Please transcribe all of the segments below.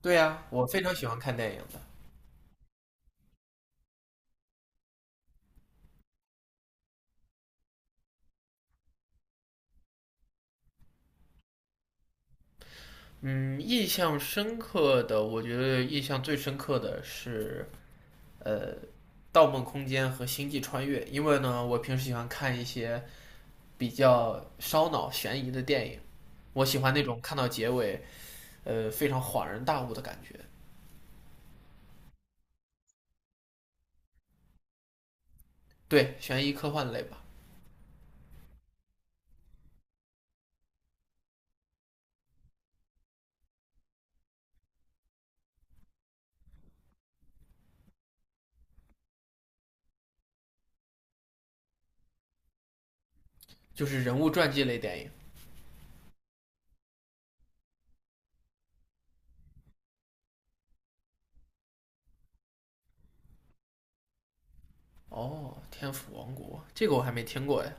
对呀，我非常喜欢看电影的。嗯，印象深刻的，我觉得印象最深刻的是呃，《盗梦空间》和《星际穿越》，因为呢，我平时喜欢看一些比较烧脑悬疑的电影，我喜欢那种看到结尾非常恍然大悟的感觉。对，悬疑科幻类吧，就是人物传记类电影。哦，《天府王国》这个我还没听过呀，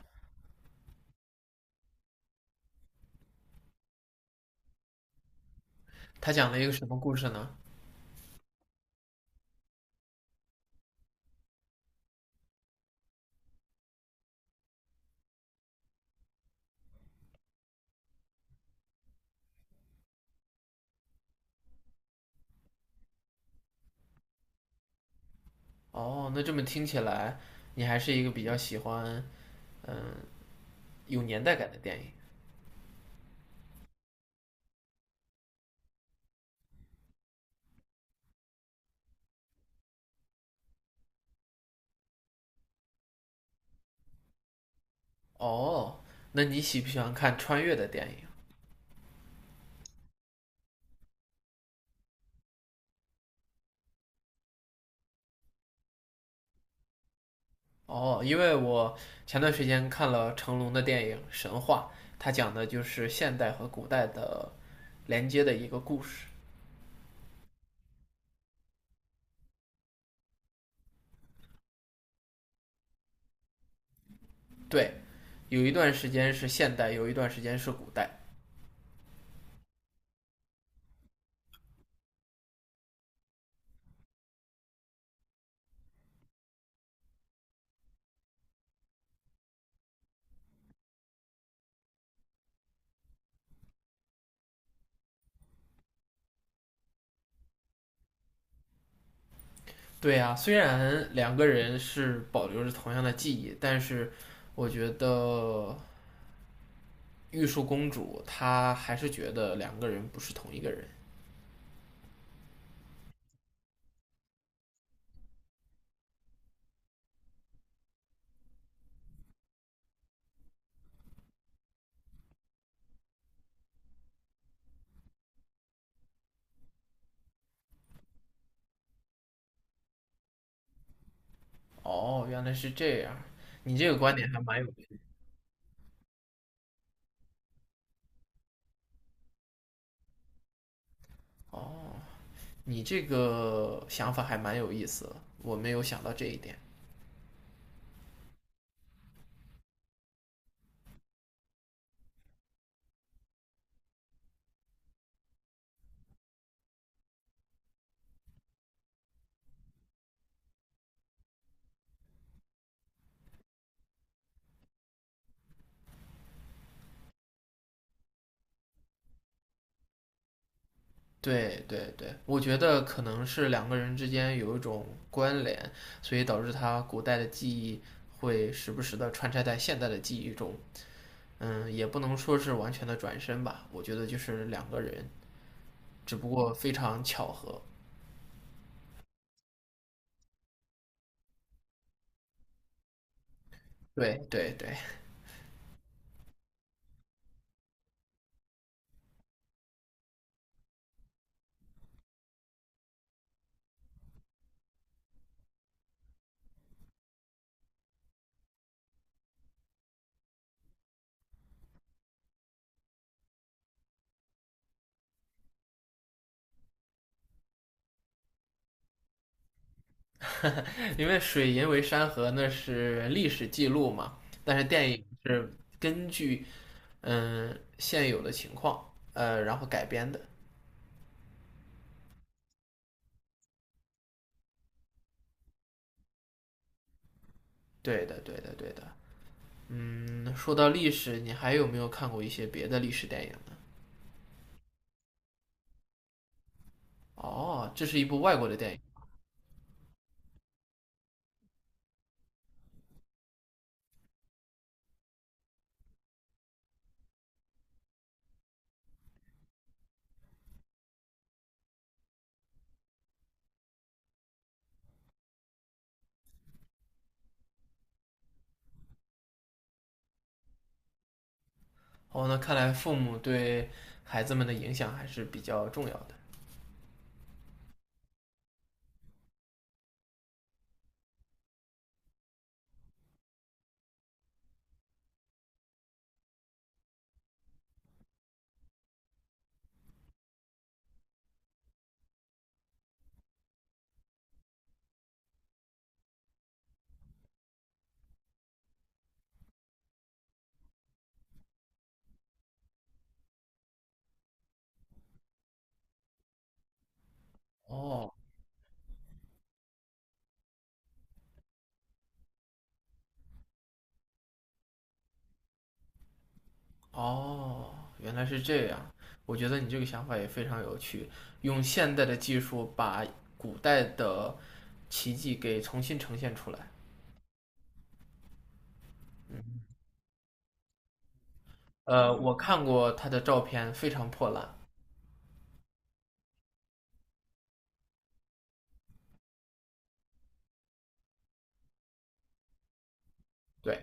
它讲了一个什么故事呢？哦，那这么听起来，你还是一个比较喜欢。有年代感的电影。哦，那你喜不喜欢看穿越的电影？哦，因为我前段时间看了成龙的电影《神话》，它讲的就是现代和古代的连接的一个故事。对，有一段时间是现代，有一段时间是古代。对啊，虽然两个人是保留着同样的记忆，但是我觉得玉树公主她还是觉得两个人不是同一个人。哦，原来是这样，你这个观点还蛮有哦，你这个想法还蛮有意思的，我没有想到这一点。对对对，我觉得可能是两个人之间有一种关联，所以导致他古代的记忆会时不时的穿插在现代的记忆中。嗯，也不能说是完全的转身吧，我觉得就是两个人，只不过非常巧合。对对对，因为“水银为山河”那是历史记录嘛，但是电影是根据现有的情况，然后改编的。对的，对的，对的。嗯，说到历史，你还有没有看过一些别的历史电影呢？哦，这是一部外国的电影。哦，那看来父母对孩子们的影响还是比较重要的。哦哦，原来是这样。我觉得你这个想法也非常有趣，用现代的技术把古代的奇迹给重新呈现出来。我看过他的照片，非常破烂。对。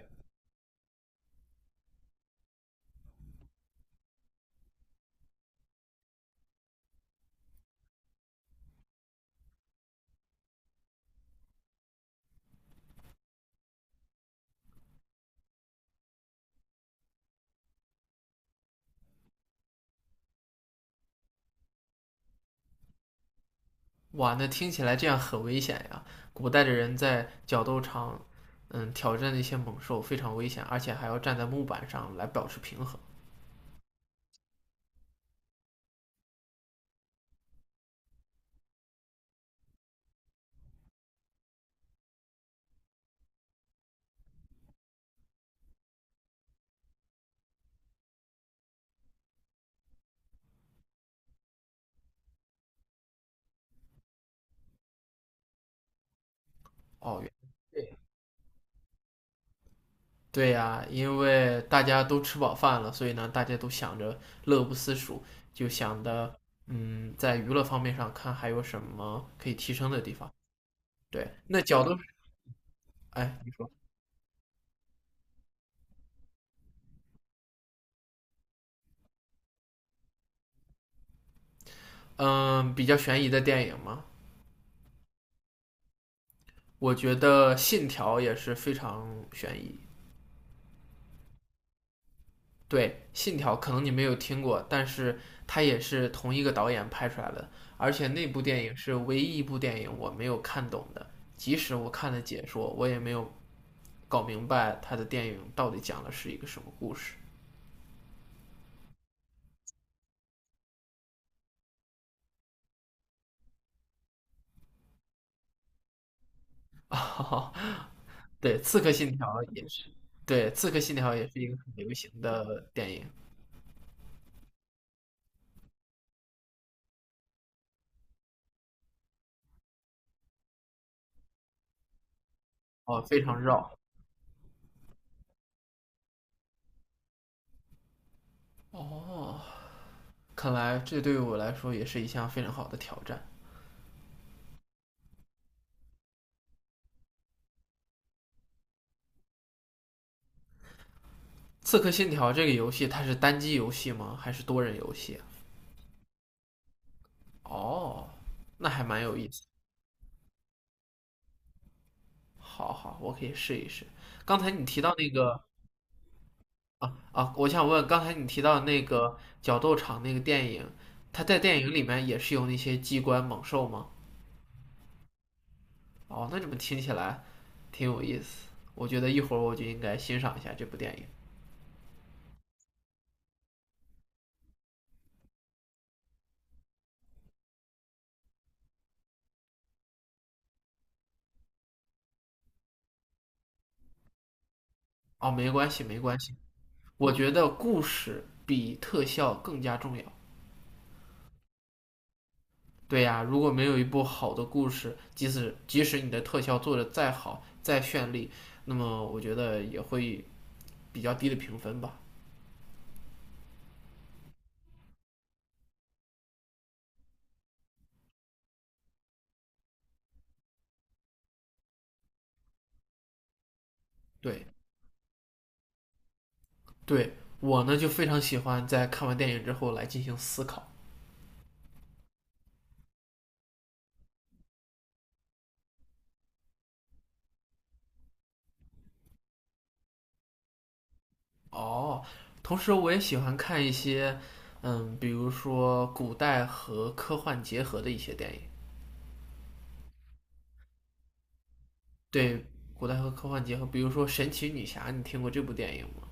哇，那听起来这样很危险呀！古代的人在角斗场，嗯，挑战那些猛兽非常危险，而且还要站在木板上来保持平衡。哦，原对对呀，因为大家都吃饱饭了，所以呢，大家都想着乐不思蜀，就想着，嗯，在娱乐方面上看还有什么可以提升的地方。对，那角斗，哎，嗯，比较悬疑的电影嘛，我觉得《信条》也是非常悬疑。对，《信条》可能你没有听过，但是它也是同一个导演拍出来的，而且那部电影是唯一一部电影我没有看懂的，即使我看了解说，我也没有搞明白他的电影到底讲的是一个什么故事。对，《刺客信条》也是，对，《刺客信条》也是一个很流行的电影，哦，非常绕。哦，看来这对于我来说也是一项非常好的挑战。《刺客信条》这个游戏它是单机游戏吗？还是多人游戏啊，哦，那还蛮有意思。好好，我可以试一试。刚才你提到那个啊啊，我想问，刚才你提到那个角斗场那个电影，它在电影里面也是有那些机关猛兽吗？哦，那怎么听起来挺有意思？我觉得一会儿我就应该欣赏一下这部电影。哦，没关系，没关系。我觉得故事比特效更加重要。对呀、如果没有一部好的故事，即使你的特效做的再好、再绚丽，那么我觉得也会比较低的评分吧。对，对我呢就非常喜欢在看完电影之后来进行思考。哦，同时我也喜欢看一些，嗯，比如说古代和科幻结合的一些电影。对，古代和科幻结合，比如说《神奇女侠》，你听过这部电影吗？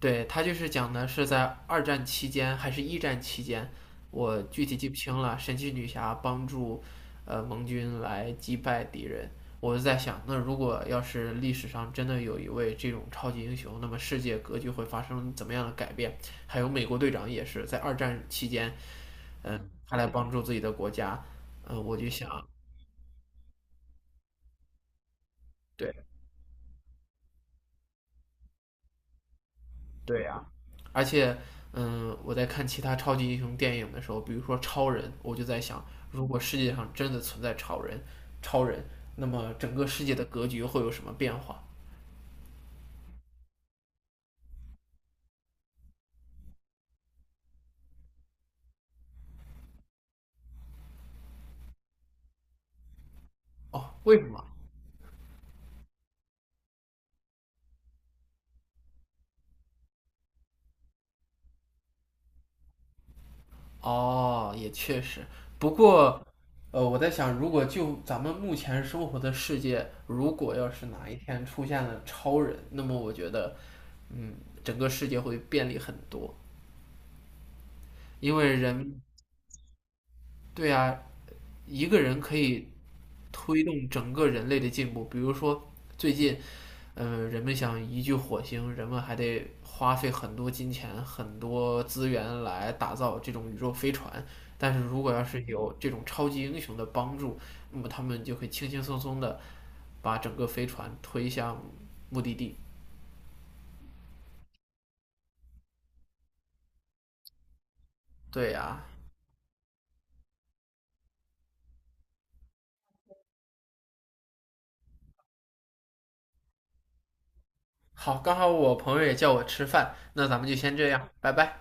对，他就是讲的是在二战期间还是一战期间，我具体记不清了。神奇女侠帮助盟军来击败敌人。我就在想，那如果要是历史上真的有一位这种超级英雄，那么世界格局会发生怎么样的改变？还有美国队长也是在二战期间，嗯、他来帮助自己的国家，嗯、我就想，对，对呀、而且，嗯，我在看其他超级英雄电影的时候，比如说超人，我就在想，如果世界上真的存在超人，超人，那么整个世界的格局会有什么变化？哦，为什么？哦，也确实。不过，我在想，如果就咱们目前生活的世界，如果要是哪一天出现了超人，那么我觉得，嗯，整个世界会便利很多，因为人，对呀，一个人可以推动整个人类的进步。比如说，最近，人们想移居火星，人们还得花费很多金钱、很多资源来打造这种宇宙飞船。但是如果要是有这种超级英雄的帮助，那么他们就会轻轻松松的把整个飞船推向目的地。对呀、好，刚好我朋友也叫我吃饭，那咱们就先这样，拜拜。